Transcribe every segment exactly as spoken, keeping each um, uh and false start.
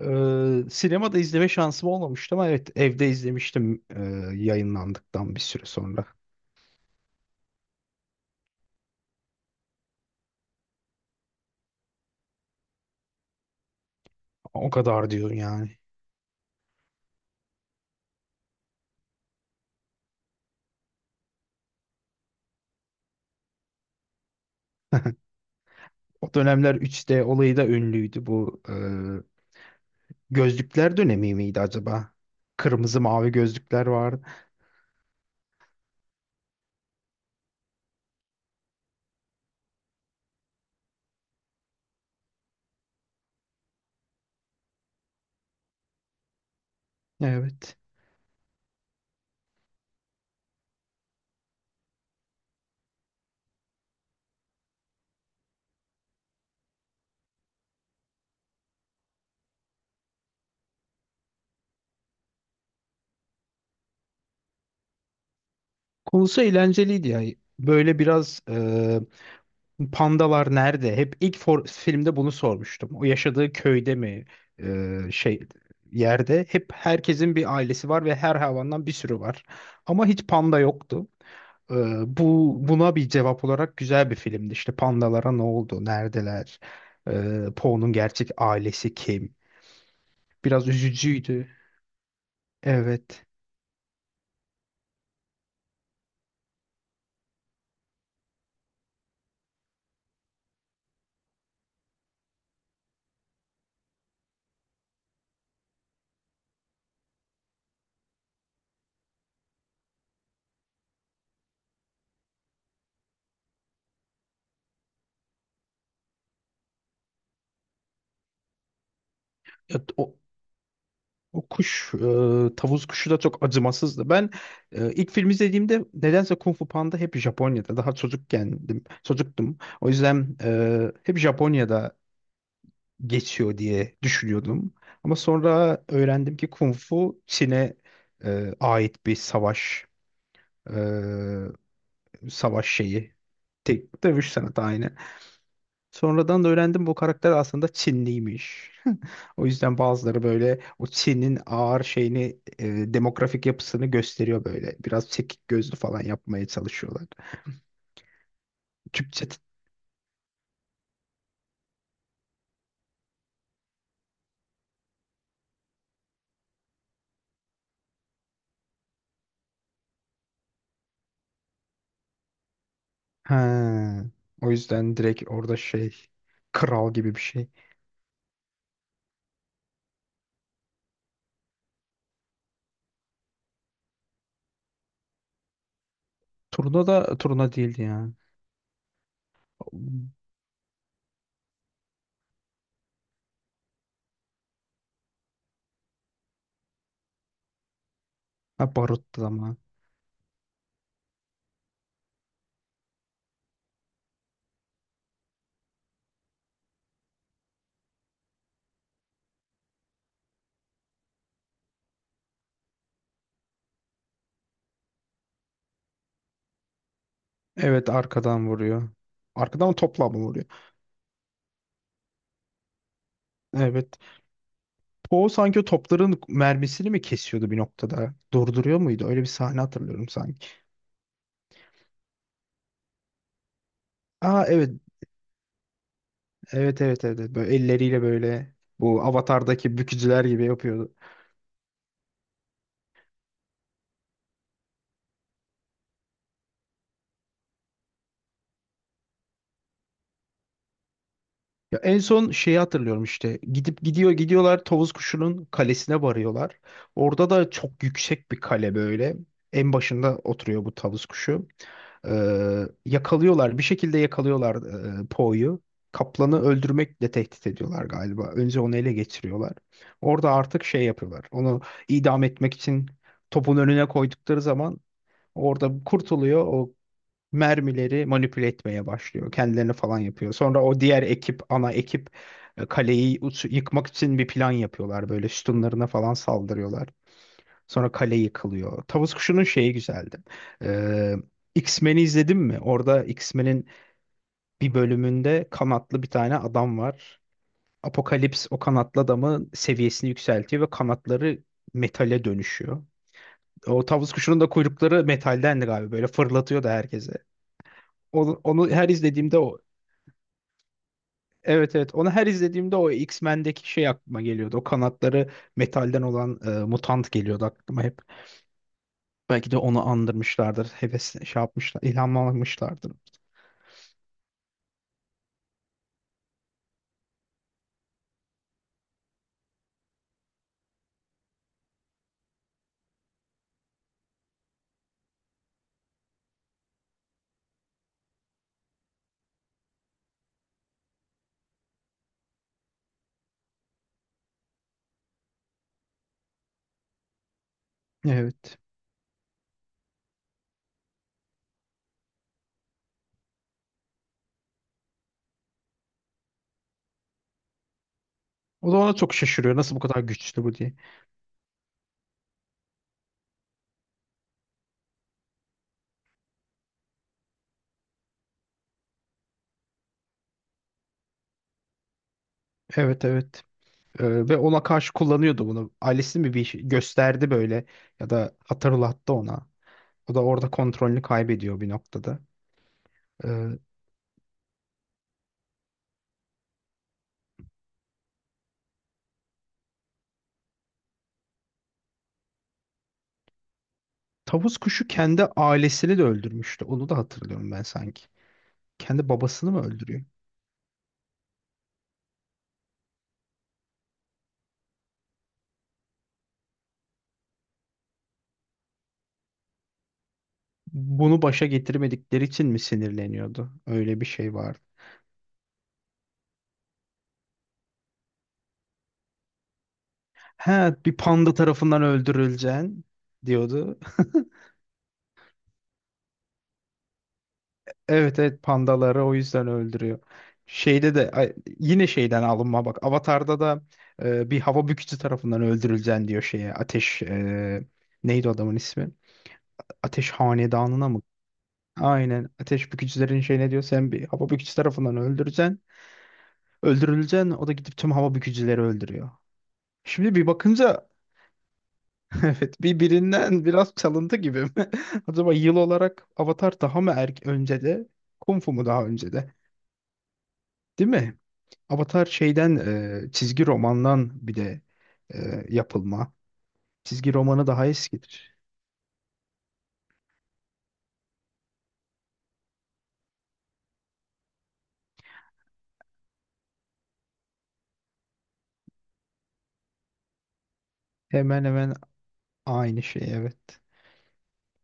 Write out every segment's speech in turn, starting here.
Ee, sinemada izleme şansım olmamıştı ama evet evde izlemiştim, e, yayınlandıktan bir süre sonra. O kadar diyorum yani. O dönemler üç D olayı da ünlüydü bu. E, gözlükler dönemi miydi acaba? Kırmızı mavi gözlükler vardı. Evet. Konusu eğlenceliydi ya. Böyle biraz e, pandalar nerede? Hep ilk for- filmde bunu sormuştum. O yaşadığı köyde mi? E, şey yerde hep herkesin bir ailesi var ve her hayvandan bir sürü var. Ama hiç panda yoktu. E, Bu buna bir cevap olarak güzel bir filmdi. İşte pandalara ne oldu? Neredeler? E, Po'nun gerçek ailesi kim? Biraz üzücüydü. Evet. Ya, o- O kuş, e, tavus kuşu da çok acımasızdı. Ben e, ilk film izlediğimde nedense Kung Fu Panda hep Japonya'da. Daha çocukkendim, çocuktum. O yüzden e, hep Japonya'da geçiyor diye düşünüyordum. Ama sonra öğrendim ki Kung Fu Çin'e e, ait bir savaş, e, savaş şeyi. Tek dövüş sanatı aynı. Sonradan da öğrendim bu karakter aslında Çinliymiş. O yüzden bazıları böyle o Çin'in ağır şeyini, e, demografik yapısını gösteriyor böyle. Biraz çekik gözlü falan yapmaya çalışıyorlar. Türkçe. Ha, o yüzden direkt orada şey, kral gibi bir şey. Turna da turna değildi ya. Ha, baruttu ama. Evet, arkadan vuruyor. Arkadan mı, topla mı vuruyor? Evet. Poe sanki o topların mermisini mi kesiyordu bir noktada? Durduruyor muydu? Öyle bir sahne hatırlıyorum sanki. Aa, evet. Evet evet evet. evet. Böyle elleriyle böyle bu Avatar'daki bükücüler gibi yapıyordu. Ya en son şeyi hatırlıyorum işte. Gidip gidiyor gidiyorlar, Tavus Kuşu'nun kalesine varıyorlar. Orada da çok yüksek bir kale böyle. En başında oturuyor bu Tavus Kuşu. Ee, yakalıyorlar. Bir şekilde yakalıyorlar e, Poe'yu. Kaplanı öldürmekle tehdit ediyorlar galiba. Önce onu ele geçiriyorlar. Orada artık şey yapıyorlar. Onu idam etmek için topun önüne koydukları zaman orada kurtuluyor. O mermileri manipüle etmeye başlıyor. Kendilerini falan yapıyor. Sonra o diğer ekip, ana ekip e, kaleyi uç- yıkmak için bir plan yapıyorlar. Böyle sütunlarına falan saldırıyorlar. Sonra kale yıkılıyor. Tavus Kuşu'nun şeyi güzeldi. Ee, X-Men'i izledin mi? Orada X-Men'in bir bölümünde kanatlı bir tane adam var. Apokalips o kanatlı adamın seviyesini yükseltiyor ve kanatları metale dönüşüyor. O tavus kuşunun da kuyrukları metaldendi galiba. Böyle fırlatıyor da herkese. Onu, onu her izlediğimde o. Evet evet onu her izlediğimde o X-Men'deki şey aklıma geliyordu. O kanatları metalden olan e, mutant geliyordu aklıma hep. Belki de onu andırmışlardır. Heves şey yapmışlar, ilhamlanmışlardır. Evet. O da ona çok şaşırıyor. Nasıl bu kadar güçlü bu diye. Evet, evet. Ee, ve ona karşı kullanıyordu bunu. Ailesi mi bir şey gösterdi böyle ya da hatırlattı ona. O da orada kontrolünü kaybediyor bir noktada. Ee, tavus kuşu kendi ailesini de öldürmüştü. Onu da hatırlıyorum ben sanki. Kendi babasını mı öldürüyor? Bunu başa getirmedikleri için mi sinirleniyordu? Öyle bir şey vardı. He, bir panda tarafından öldürüleceksin diyordu. Evet, evet, pandaları o yüzden öldürüyor. Şeyde de ay, yine şeyden alınma bak. Avatar'da da e, bir hava bükücü tarafından öldürüleceksin diyor şeye. Ateş, e, neydi adamın ismi? Ateş hanedanına mı? Aynen. Ateş bükücülerin şey ne diyor? Sen bir hava bükücü tarafından öldüreceksin. Öldürüleceksin. O da gidip tüm hava bükücüleri öldürüyor. Şimdi bir bakınca evet, bir birinden biraz çalıntı gibi mi? Acaba yıl olarak Avatar daha mı erk önce de, Kung Fu mu daha önce de? Değil mi? Avatar şeyden, e, çizgi romandan bir de e, yapılma. Çizgi romanı daha eskidir. Hemen hemen aynı şey, evet.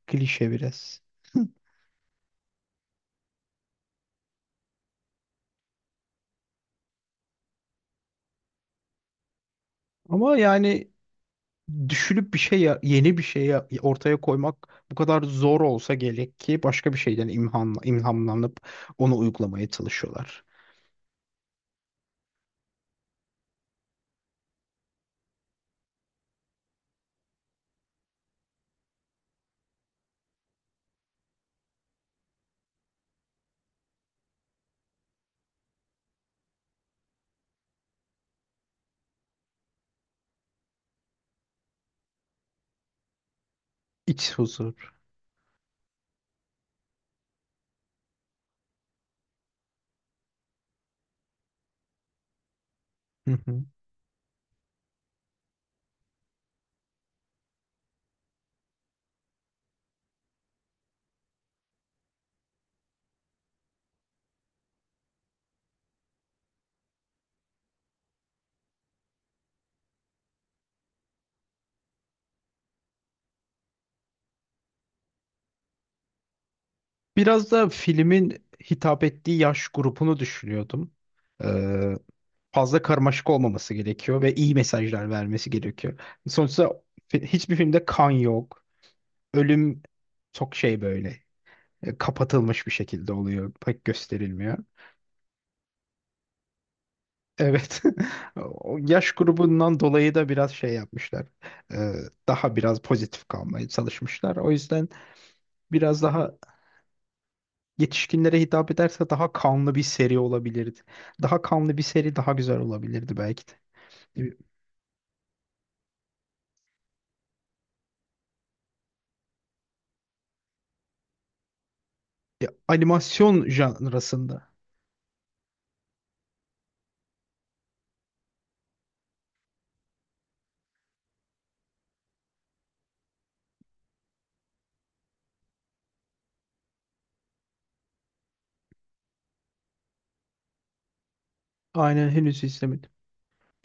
Klişe biraz. Ama yani düşünüp bir şey ya- yeni bir şey ya- ortaya koymak bu kadar zor olsa gerek ki başka bir şeyden imhan, ilhamlanıp onu uygulamaya çalışıyorlar. İç huzur. Biraz da filmin hitap ettiği yaş grubunu düşünüyordum. Ee, fazla karmaşık olmaması gerekiyor ve iyi mesajlar vermesi gerekiyor. Sonuçta fi- hiçbir filmde kan yok. Ölüm çok şey böyle, e, kapatılmış bir şekilde oluyor. Pek gösterilmiyor. Evet. O yaş grubundan dolayı da biraz şey yapmışlar. Ee, daha biraz pozitif kalmaya çalışmışlar. O yüzden biraz daha yetişkinlere hitap ederse daha kanlı bir seri olabilirdi. Daha kanlı bir seri daha güzel olabilirdi belki de. Ne bileyim, animasyon janrasında. Aynen, henüz izlemedim.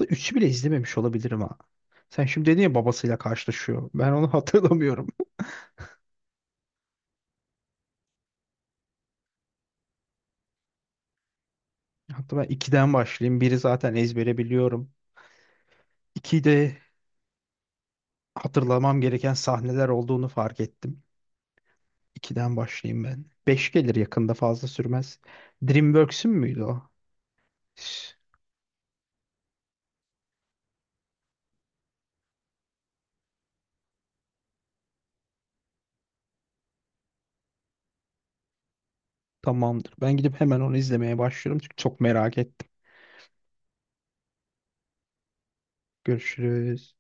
Da üçü bile izlememiş olabilirim ha. Sen şimdi dedin ya babasıyla karşılaşıyor. Ben onu hatırlamıyorum. Hatta ben ikiden başlayayım. Biri zaten ezbere biliyorum. ikide hatırlamam gereken sahneler olduğunu fark ettim. ikiden başlayayım ben. Beş gelir yakında, fazla sürmez. DreamWorks'ün müydü o? Üf. Tamamdır. Ben gidip hemen onu izlemeye başlıyorum çünkü çok merak ettim. Görüşürüz.